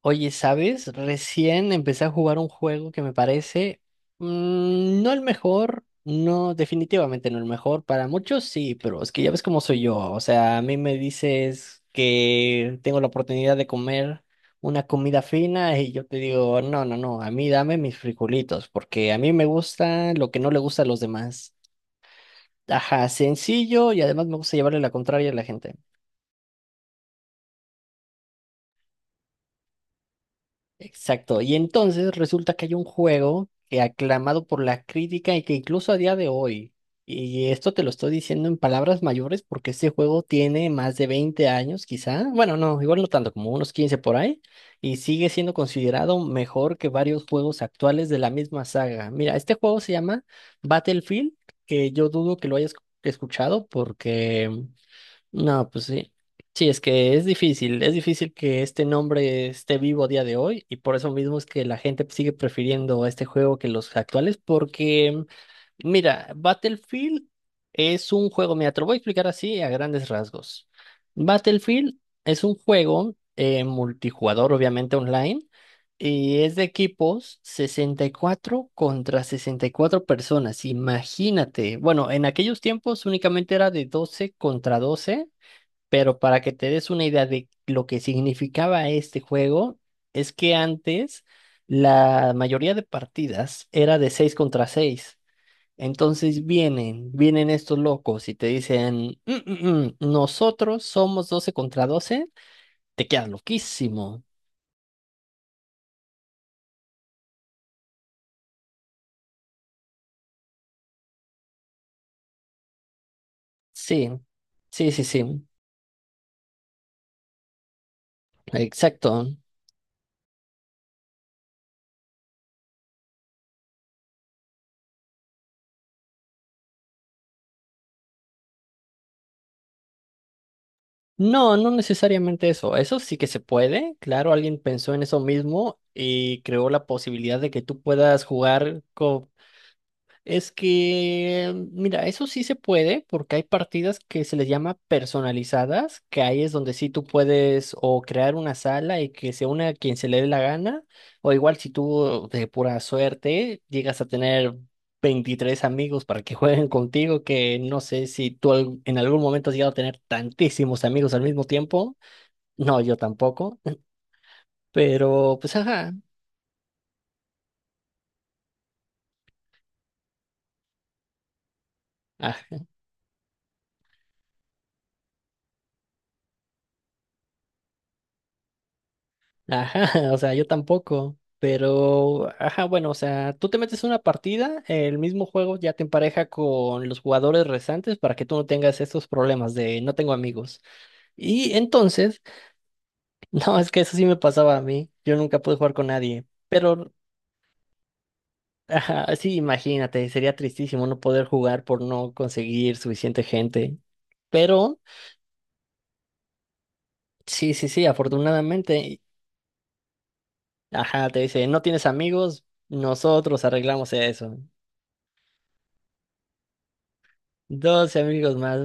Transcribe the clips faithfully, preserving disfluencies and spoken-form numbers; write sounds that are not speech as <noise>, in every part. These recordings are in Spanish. Oye, ¿sabes? Recién empecé a jugar un juego que me parece mm, no el mejor, no, definitivamente no el mejor. Para muchos sí, pero es que ya ves cómo soy yo. O sea, a mí me dices que tengo la oportunidad de comer una comida fina y yo te digo, no, no, no, a mí dame mis frijolitos, porque a mí me gusta lo que no le gusta a los demás. Ajá, sencillo y además me gusta llevarle la contraria a la gente. Exacto. Y entonces resulta que hay un juego que aclamado por la crítica y que incluso a día de hoy, y esto te lo estoy diciendo en palabras mayores porque este juego tiene más de veinte años quizá, bueno, no, igual no tanto, como unos quince por ahí, y sigue siendo considerado mejor que varios juegos actuales de la misma saga. Mira, este juego se llama Battlefield, que yo dudo que lo hayas escuchado porque... No, pues sí. Sí, es que es difícil, es difícil que este nombre esté vivo a día de hoy y por eso mismo es que la gente sigue prefiriendo este juego que los actuales porque, mira, Battlefield es un juego, mira, te lo voy a explicar así a grandes rasgos. Battlefield es un juego eh, multijugador, obviamente online, y es de equipos sesenta y cuatro contra sesenta y cuatro personas, imagínate. Bueno, en aquellos tiempos únicamente era de doce contra doce, pero para que te des una idea de lo que significaba este juego, es que antes la mayoría de partidas era de seis contra seis. Entonces vienen, vienen estos locos y te dicen, "Mm, mm, mm, nosotros somos doce contra doce", te quedas loquísimo. Sí, sí, sí, sí, exacto. No, no necesariamente eso. Eso sí que se puede. Claro, alguien pensó en eso mismo y creó la posibilidad de que tú puedas jugar con... Es que, mira, eso sí se puede porque hay partidas que se les llama personalizadas, que ahí es donde sí tú puedes o crear una sala y que se una a quien se le dé la gana, o igual si tú de pura suerte llegas a tener veintitrés amigos para que <laughs> jueguen contigo, que no sé si tú al- en algún momento has llegado a tener tantísimos amigos al mismo tiempo, no, yo tampoco, pero pues ajá. Ajá, <laughs> o sea, yo tampoco, pero, ajá, bueno, o sea, tú te metes una partida, el mismo juego ya te empareja con los jugadores restantes para que tú no tengas estos problemas de no tengo amigos. Y entonces, <laughs> no, es que eso sí me pasaba a mí, yo nunca pude jugar con nadie, pero, ajá, sí, imagínate, sería tristísimo no poder jugar por no conseguir suficiente gente. Pero, sí, sí, sí, afortunadamente, ajá, te dice, no tienes amigos, nosotros arreglamos eso. Doce amigos más.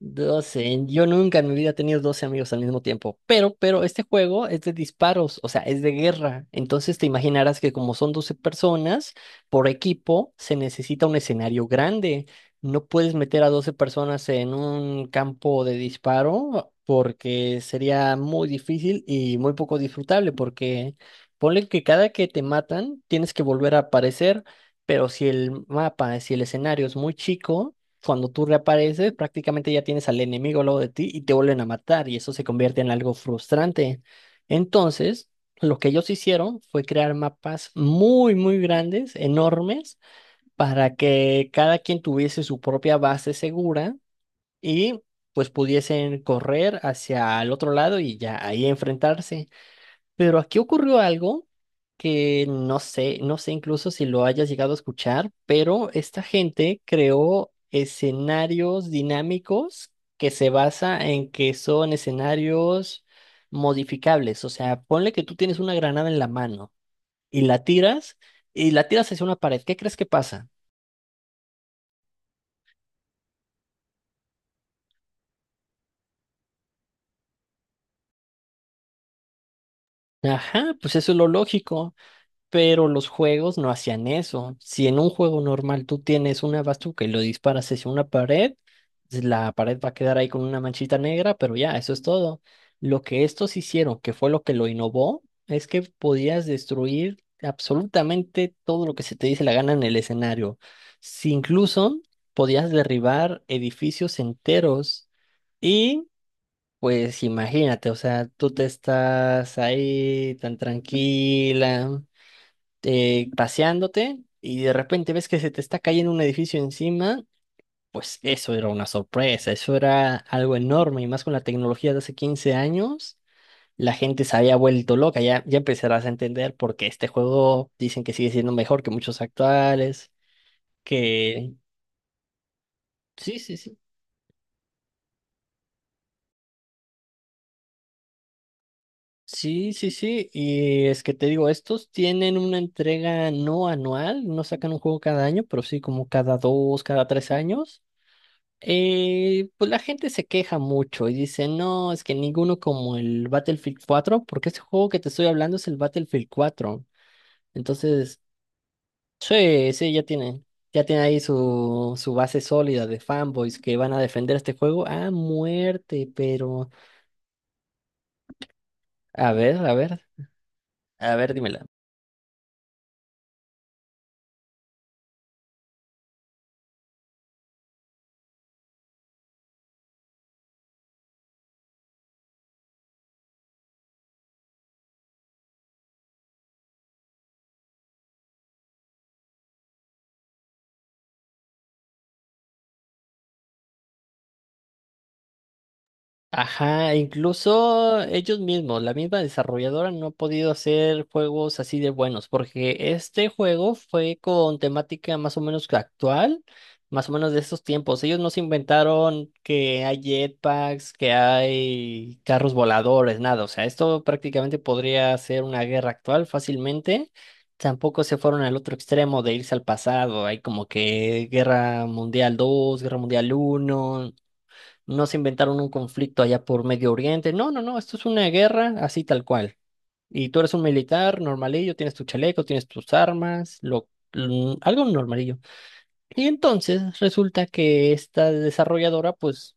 Doce. Yo nunca en mi vida he tenido doce amigos al mismo tiempo. Pero, pero este juego es de disparos, o sea, es de guerra. Entonces te imaginarás que como son doce personas por equipo, se necesita un escenario grande. No puedes meter a doce personas en un campo de disparo porque sería muy difícil y muy poco disfrutable porque ponle que cada que te matan tienes que volver a aparecer. Pero si el mapa, si el escenario es muy chico, cuando tú reapareces, prácticamente ya tienes al enemigo al lado de ti y te vuelven a matar y eso se convierte en algo frustrante. Entonces, lo que ellos hicieron fue crear mapas muy, muy grandes, enormes, para que cada quien tuviese su propia base segura y pues pudiesen correr hacia el otro lado y ya ahí enfrentarse. Pero aquí ocurrió algo que no sé, no sé incluso si lo hayas llegado a escuchar, pero esta gente creó escenarios dinámicos que se basa en que son escenarios modificables. O sea, ponle que tú tienes una granada en la mano y la tiras y la tiras hacia una pared. ¿Qué crees que pasa? Ajá, pues eso es lo lógico. Pero los juegos no hacían eso. Si en un juego normal tú tienes una bazooka y lo disparas hacia una pared, la pared va a quedar ahí con una manchita negra, pero ya, eso es todo. Lo que estos hicieron, que fue lo que lo innovó, es que podías destruir absolutamente todo lo que se te dice la gana en el escenario. Si incluso podías derribar edificios enteros y... Pues imagínate, o sea, tú te estás ahí tan tranquila, eh, paseándote y de repente ves que se te está cayendo un edificio encima, pues eso era una sorpresa, eso era algo enorme y más con la tecnología de hace quince años, la gente se había vuelto loca, ya, ya empezarás a entender por qué este juego dicen que sigue siendo mejor que muchos actuales, que... Sí, sí, sí. Sí, sí, sí, y es que te digo, estos tienen una entrega no anual, no sacan un juego cada año, pero sí como cada dos, cada tres años. Eh, pues la gente se queja mucho y dice, no, es que ninguno como el Battlefield cuatro, porque ese juego que te estoy hablando es el Battlefield cuatro. Entonces, sí, sí, ya tiene, ya tiene ahí su, su base sólida de fanboys que van a defender este juego a muerte, pero a ver, a ver, a ver, dímela. Ajá, incluso ellos mismos, la misma desarrolladora no ha podido hacer juegos así de buenos, porque este juego fue con temática más o menos que actual, más o menos de estos tiempos. Ellos no se inventaron que hay jetpacks, que hay carros voladores, nada. O sea, esto prácticamente podría ser una guerra actual fácilmente. Tampoco se fueron al otro extremo de irse al pasado. Hay como que Guerra Mundial dos, Guerra Mundial uno. No se inventaron un conflicto allá por Medio Oriente. No, no, no, esto es una guerra así tal cual. Y tú eres un militar normalillo, tienes tu chaleco, tienes tus armas, lo, mm, algo normalillo. Y entonces resulta que esta desarrolladora, pues,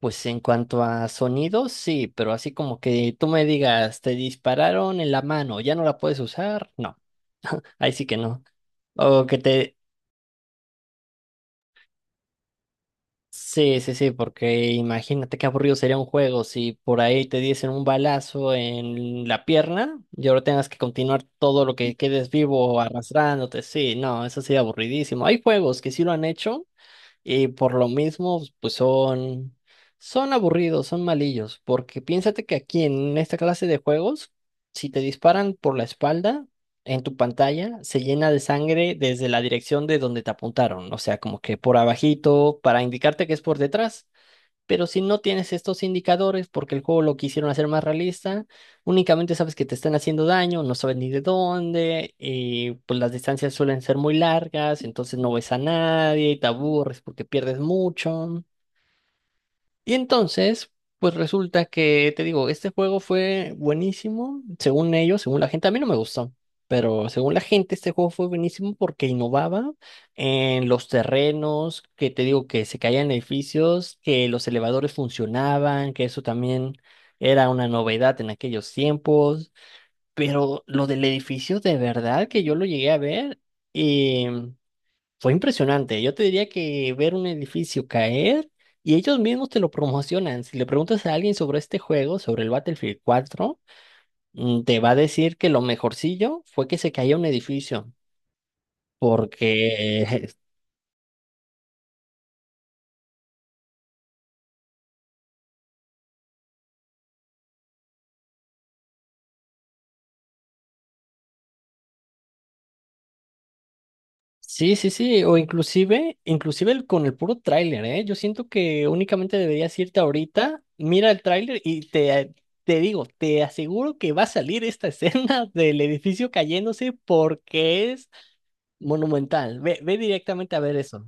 pues en cuanto a sonidos, sí, pero así como que tú me digas, te dispararon en la mano, ya no la puedes usar, no, ahí sí que no. O que te... Sí, sí, sí, porque imagínate qué aburrido sería un juego si por ahí te diesen un balazo en la pierna y ahora tengas que continuar todo lo que quedes vivo arrastrándote. Sí, no, eso sería aburridísimo. Hay juegos que sí lo han hecho, y por lo mismo, pues son, son aburridos, son malillos, porque piénsate que aquí en esta clase de juegos, si te disparan por la espalda, en tu pantalla se llena de sangre desde la dirección de donde te apuntaron, o sea, como que por abajito, para indicarte que es por detrás. Pero si no tienes estos indicadores, porque el juego lo quisieron hacer más realista, únicamente sabes que te están haciendo daño, no sabes ni de dónde, y pues las distancias suelen ser muy largas, entonces no ves a nadie y te aburres porque pierdes mucho. Y entonces, pues resulta que, te digo, este juego fue buenísimo, según ellos, según la gente, a mí no me gustó, pero según la gente este juego fue buenísimo porque innovaba en los terrenos, que te digo que se caían edificios, que los elevadores funcionaban, que eso también era una novedad en aquellos tiempos, pero lo del edificio de verdad que yo lo llegué a ver. Fue impresionante. Yo te diría que ver un edificio caer y ellos mismos te lo promocionan. Si le preguntas a alguien sobre este juego, sobre el Battlefield cuatro, mm, te va a decir que lo mejorcillo fue que se caía un edificio. Porque <laughs> sí, sí, sí. O inclusive, inclusive el- con el puro tráiler, ¿eh? Yo siento que únicamente deberías irte ahorita, mira el tráiler y te, te digo, te aseguro que va a salir esta escena <laughs> del edificio cayéndose porque es monumental. Ve, ve directamente a ver eso.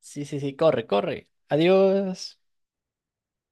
Sí, sí, sí, corre, corre. Adiós.